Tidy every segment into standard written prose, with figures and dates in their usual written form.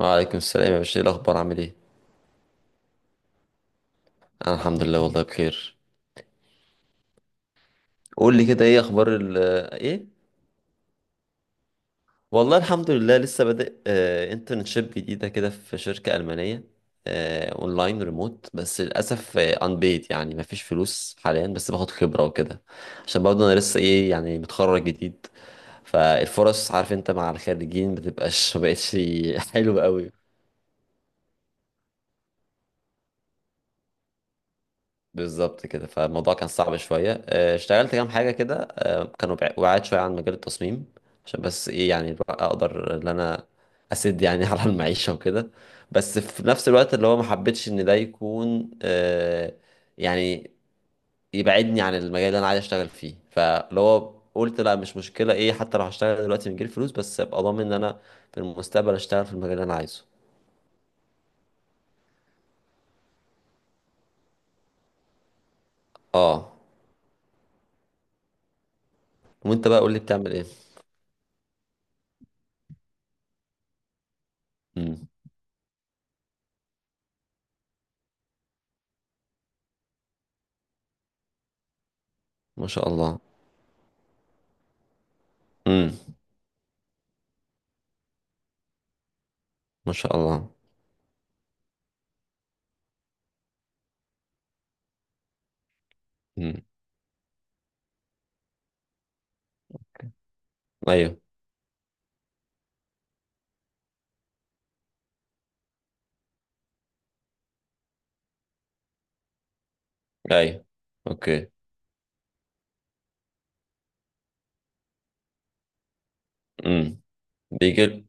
وعليكم السلام يا باشا، ايه الاخبار؟ عامل ايه؟ انا الحمد لله والله بخير. قول لي كده ايه اخبار ال ايه والله الحمد لله، لسه بادئ انترنشيب جديده كده في شركه المانيه. اونلاين ريموت، بس للاسف انبيد، يعني مفيش فلوس حاليا، بس باخد خبره وكده. عشان برضه انا لسه ايه، يعني متخرج جديد، فالفرص عارف انت مع الخريجين ما بقتش. حلوه قوي. بالظبط كده، فالموضوع كان صعب شوية، اشتغلت كام حاجة كده، كانوا بعاد شوية عن مجال التصميم. عشان بس ايه، يعني بقى اقدر ان انا اسد يعني على المعيشة وكده. بس في نفس الوقت اللي هو ما حبيتش ان ده يكون، يعني يبعدني عن المجال اللي انا عايز اشتغل فيه، فاللي هو قلت لا مش مشكلة ايه، حتى لو هشتغل دلوقتي من غير فلوس، بس ابقى ضامن ان انا في المستقبل اشتغل في المجال اللي انا عايزه. اه. وانت بقى قول لي بتعمل ايه؟ امم. ما شاء الله. امم. ما شاء الله. مم. ايوه. ايوه. اوكي. امم. بيجل.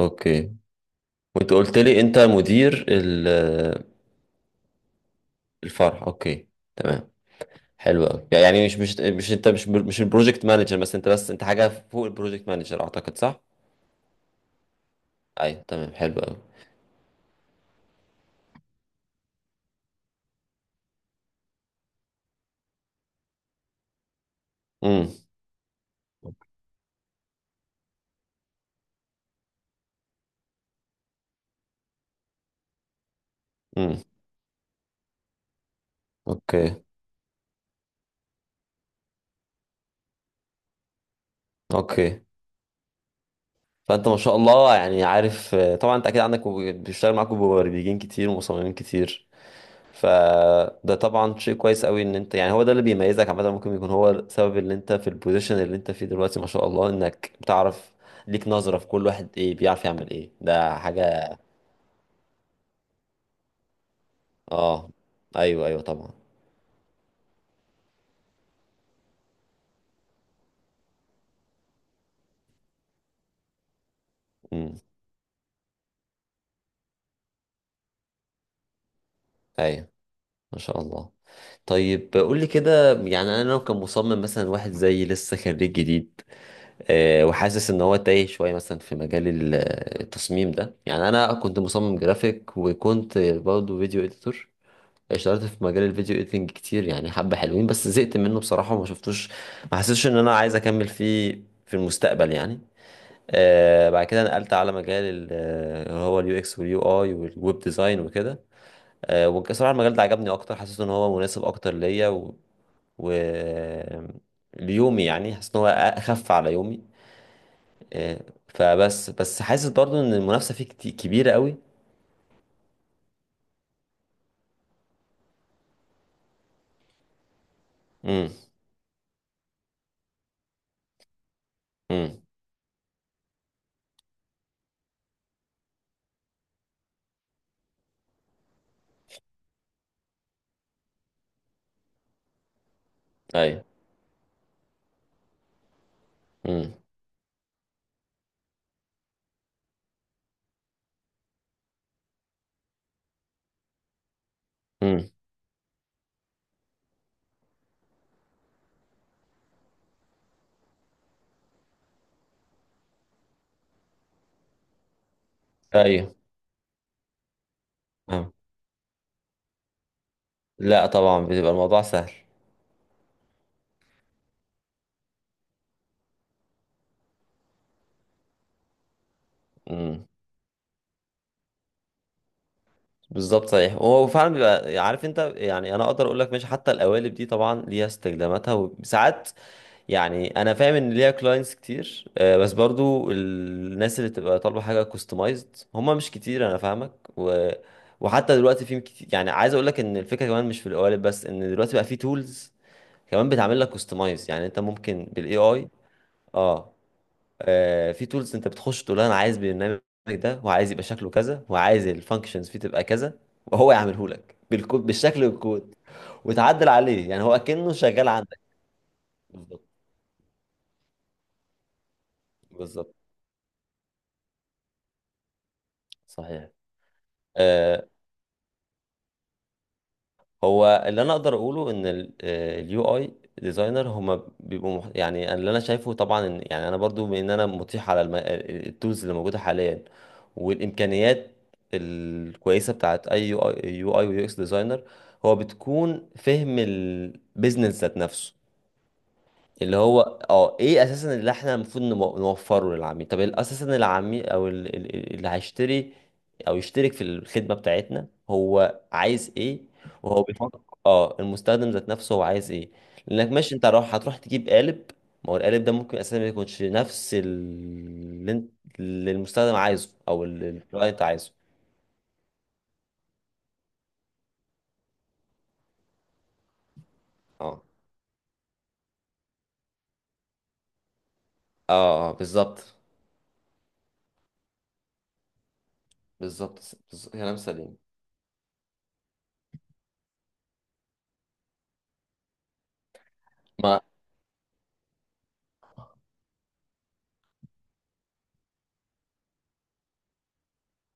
اوكي. وانت قلت لي انت مدير الفرع. اوكي، تمام. حلو قوي، يعني مش انت مش البروجكت مانجر بس، انت بس انت حاجه فوق البروجكت مانجر، اعتقد، صح؟ ايوه تمام، حلو قوي. امم. امم. اوكي. اوكي. فانت ما شاء الله، يعني عارف طبعا انت اكيد عندك بيشتغل معاك مبرمجين كتير ومصممين كتير. فده طبعا شيء كويس قوي ان انت، يعني هو ده اللي بيميزك عامه، ممكن يكون هو السبب اللي انت في البوزيشن اللي انت فيه دلوقتي ما شاء الله، انك بتعرف ليك نظرة في كل واحد ايه بيعرف يعمل ايه، ده حاجة. اه. ايوه ايوه طبعا. امم. ايوه. ما شاء الله. طيب قول لي كده، يعني انا لو كان مصمم مثلا، واحد زي لسه خريج جديد، وحاسس ان هو تايه شويه، مثلا في مجال التصميم ده. يعني انا كنت مصمم جرافيك، وكنت برضه فيديو اديتور، اشتغلت في مجال الفيديو اديتنج كتير، يعني حبه حلوين بس زهقت منه بصراحه وما شفتوش، ما حسيتش ان انا عايز اكمل فيه في المستقبل يعني. بعد كده نقلت على مجال اللي هو اليو اكس واليو اي والويب ديزاين وكده. وبصراحه المجال ده عجبني اكتر، حسيت ان هو مناسب اكتر ليا و... ليومي، يعني حاسس ان هو اخف على يومي. آه، فبس حاسس برضو ان المنافسه فيه كبيره قوي. امم. امم. ايوه. امم. امم. ايوه. آه. لا طبعا بيبقى الموضوع سهل. امم. بالظبط، صحيح، هو فعلا بيبقى عارف انت. يعني انا اقدر اقول لك ماشي، حتى القوالب دي طبعا ليها استخداماتها وساعات، يعني انا فاهم ان ليها كلاينتس كتير، بس برضو الناس اللي تبقى طالبه حاجه كوستمايزد هم مش كتير، انا فاهمك. و... وحتى دلوقتي في كتير، يعني عايز اقول لك ان الفكره كمان مش في القوالب بس، ان دلوقتي بقى في تولز كمان بتعمل لك كوستمايز، يعني انت ممكن بالاي اي. اه. في تولز انت بتخش تقول له انا عايز البرنامج ده، وعايز يبقى شكله كذا، وعايز الفانكشنز فيه تبقى كذا، وهو يعمله لك بالكود، بالشكل والكود، وتعدل عليه، يعني هو كأنه شغال عندك. بالظبط. بالظبط. صحيح. آه، هو اللي انا اقدر اقوله ان اليو اي ديزاينر هما بيبقوا يعني اللي انا شايفه طبعا، إن، يعني انا برضو بما ان انا مطيح على التولز اللي موجوده حاليا والامكانيات الكويسه بتاعت اي يو اي، يو اي ويو اكس ديزاينر، هو بتكون فهم البيزنس ذات نفسه. اللي هو اه ايه اساسا اللي احنا المفروض نوفره للعميل. طب اساسا العميل، او اللي هيشتري او يشترك في الخدمة بتاعتنا هو عايز ايه؟ وهو بيفكر. اه، المستخدم ذات نفسه هو عايز ايه. لانك ماشي، انت راح هتروح تجيب قالب، ما هو القالب ده ممكن اساسا ما يكونش نفس اللي انت، اللي المستخدم عايزه، او الكلاينت عايزه. اه. اه بالظبط. بالظبط. بالظبط، كلام سليم. ما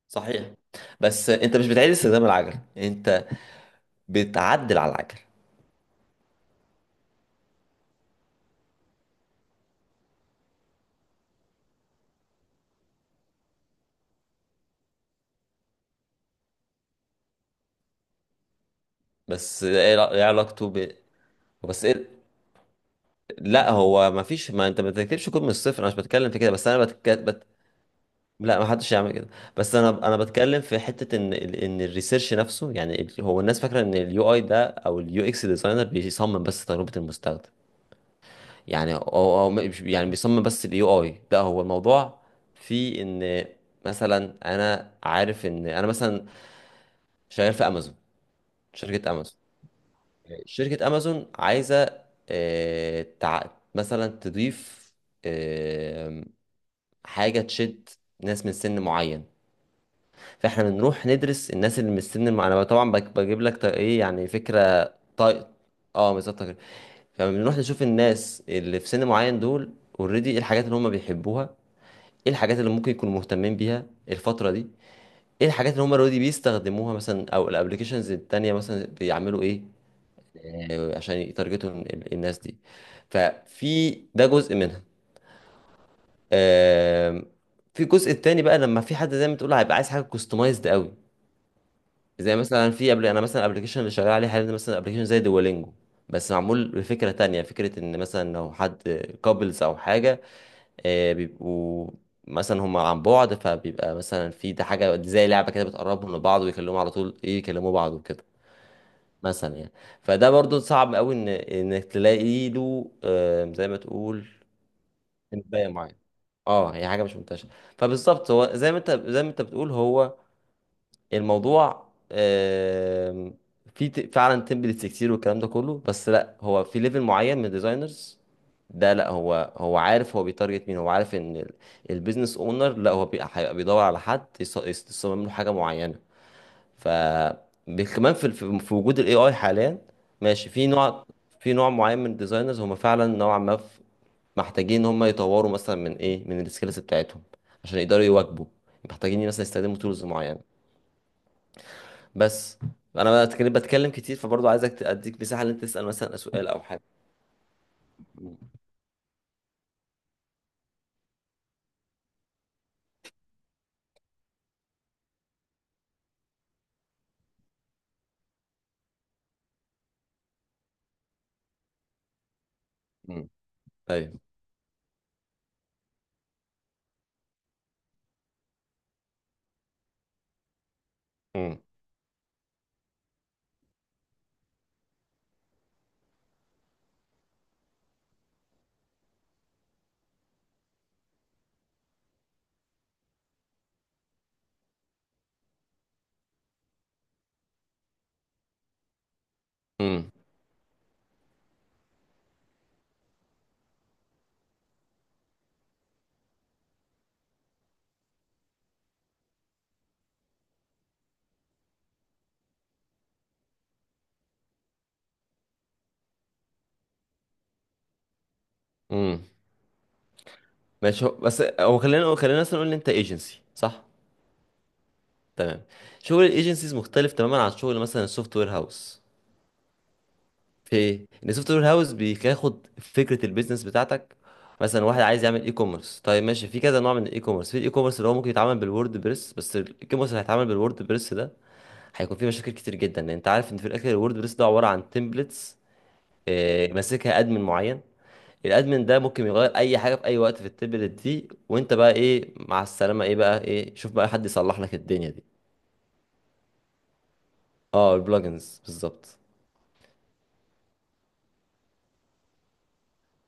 صحيح، بس انت مش بتعيد استخدام العجل، انت بتعدل على العجل. بس ايه إيه علاقته ب بس إيه... لا هو ما فيش، ما انت ما بتركبش كود من الصفر. انا مش بتكلم في كده، بس انا لا ما حدش يعمل كده. بس انا بتكلم في حته ان ان الريسيرش نفسه، يعني هو الناس فاكره ان اليو اي ده او اليو اكس ديزاينر بيصمم بس تجربه المستخدم. يعني هو يعني بيصمم بس اليو اي، لا هو الموضوع في ان، مثلا انا عارف ان انا مثلا شغال في امازون، شركه امازون، شركة امازون عايزة، مثلا تضيف آه، حاجة تشد ناس من سن معين. فاحنا بنروح ندرس الناس اللي من السن انا طبعا بجيب لك ايه، يعني فكرة. طيب. اه بالظبط كده. فبنروح نشوف الناس اللي في سن معين دول، اوريدي ايه الحاجات اللي هم بيحبوها، ايه الحاجات اللي ممكن يكونوا مهتمين بيها الفترة دي، ايه الحاجات اللي هم اوريدي بيستخدموها مثلا، او الابلكيشنز التانية مثلا بيعملوا ايه، عشان يتارجتوا الناس دي. ففي ده جزء منها. آم، في الجزء التاني بقى لما في حد زي ما تقول هيبقى عايز حاجه كوستمايزد قوي، زي مثلا في قبل، انا مثلا ابلكيشن اللي شغال عليه حاليا ده، مثلا ابلكيشن زي دوالينجو بس معمول بفكره تانية. فكره ان مثلا لو حد كابلز او حاجه، بيبقوا مثلا هم عن بعد، فبيبقى مثلا في ده حاجه زي لعبه كده بتقربهم لبعض، ويكلموا على طول ايه، يكلموا بعض وكده مثلا يعني. فده برضو صعب قوي ان انك تلاقي له، زي ما تقول انباية معينة. اه هي حاجة مش منتشرة. فبالظبط هو زي ما انت بتقول، هو الموضوع في فعلا تمبلتس كتير والكلام ده كله، بس لا هو في ليفل معين من الديزاينرز ده، لا هو، هو عارف هو بيتارجت مين، هو عارف ان البيزنس اونر، لا هو هيبقى بيدور على حد يصمم له حاجة معينة. ف كمان في في وجود الاي اي حاليا، ماشي في نوع، في نوع معين من الديزاينرز هم فعلا نوعا ما محتاجين ان هم يطوروا مثلا من ايه، من السكيلز بتاعتهم عشان يقدروا يواكبوا، محتاجين مثلا يستخدموا تولز معينه. بس انا بقى بتكلم كتير، فبرضه عايزك اديك مساحه ان انت تسال مثلا سؤال او حاجه. مم. طيب. امم. امم. امم. ماشي بس هو خلينا، خلينا مثلا نقول ان انت ايجنسي صح، تمام. شغل الايجنسيز مختلف تماما عن شغل مثلا السوفت وير هاوس، في ان سوفت وير هاوس بياخد فكره البيزنس بتاعتك. مثلا واحد عايز يعمل اي كوميرس، طيب ماشي في كذا نوع من الاي كوميرس، في الاي كوميرس اللي هو ممكن يتعمل بالوورد بريس، بس الاي كوميرس اللي هيتعمل بالوورد بريس ده هيكون فيه مشاكل كتير جدا، لان انت عارف ان في الاخر الوورد بريس ده عباره عن تمبلتس ماسكها ادمن معين، الادمن ده ممكن يغير اي حاجه في اي وقت في التمبلت دي، وانت بقى ايه مع السلامه، ايه بقى ايه، شوف بقى حد يصلح لك الدنيا دي. اه البلجنز بالظبط.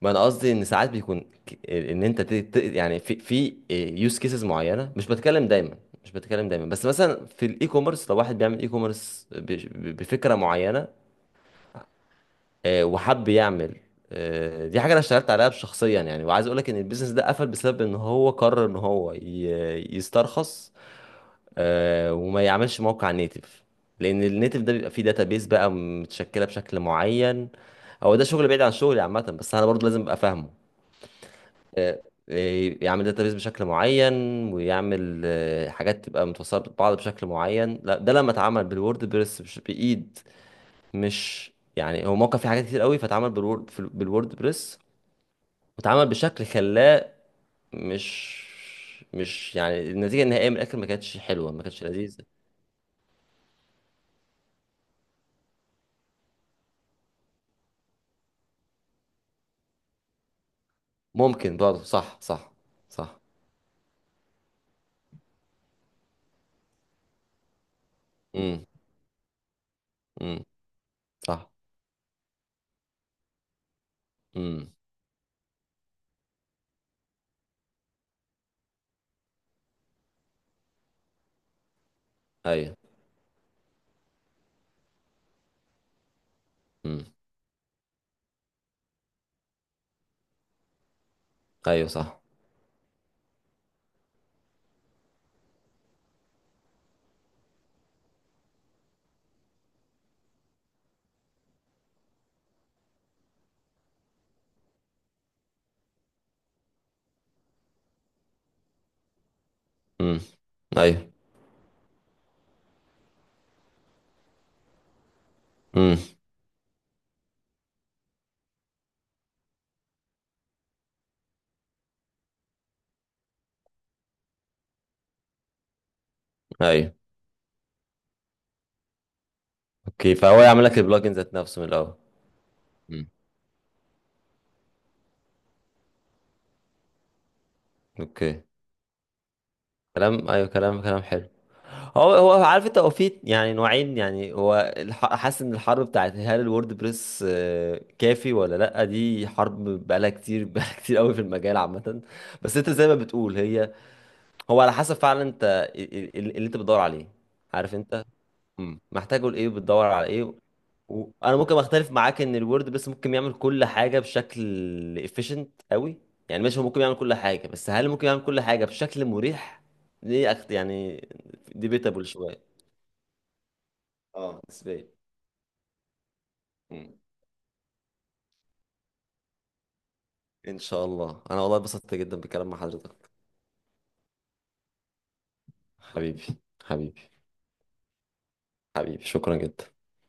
ما انا قصدي ان ساعات بيكون ان انت يعني في يوز كيسز معينه، مش بتكلم دايما، مش بتكلم دايما بس مثلا في الاي كوميرس، لو واحد بيعمل اي كوميرس بفكره معينه، وحب يعمل، دي حاجه انا اشتغلت عليها شخصيا يعني، وعايز اقول لك ان البيزنس ده قفل بسبب ان هو قرر ان هو يسترخص، وما يعملش موقع نيتف، لان النيتف ده بيبقى فيه داتابيز بقى متشكله بشكل معين. هو ده شغل بعيد عن شغلي عامه، بس انا برضه لازم ابقى فاهمه. آه، يعمل داتابيز بشكل معين، ويعمل حاجات تبقى متوصله ببعض بشكل معين، لا ده لما اتعمل بالوورد بريس مش بايد. مش يعني هو موقع فيه حاجات كتير قوي فاتعمل بالوورد بالوورد بريس، واتعمل بشكل خلاه، مش مش يعني النتيجه النهائيه من الاخر ما كانتش حلوه، ما كانتش لذيذه. ممكن برضه. صح. صح. صح. امم. امم. صح. امم. ايوه. امم. ايوه. صح. امم. ايوه. امم. ايوه. اوكي، فهو يعمل لك البلجن ذات نفسه من الاول. مم. اوكي. كلام، ايوه، كلام، كلام حلو. هو هو عارف انت، هو في يعني نوعين، يعني هو حاسس ان الحرب بتاعت هل الووردبريس كافي ولا لا، دي حرب بقالها كتير بقالها كتير قوي في المجال عامة. بس انت زي ما بتقول، هي هو على حسب فعلا، انت اللي انت بتدور عليه، عارف انت. مم. محتاجه لايه، بتدور على ايه. انا ممكن اختلف معاك ان الوورد بس ممكن يعمل كل حاجه بشكل efficient قوي. يعني ماشي هو ممكن يعمل كل حاجه، بس هل ممكن يعمل كل حاجه بشكل مريح؟ دي يعني debatable شويه. اه بالنسبه لي. مم. ان شاء الله. انا والله اتبسطت جدا بالكلام مع حضرتك. حبيبي. حبيبي. حبيبي شكرا جدا.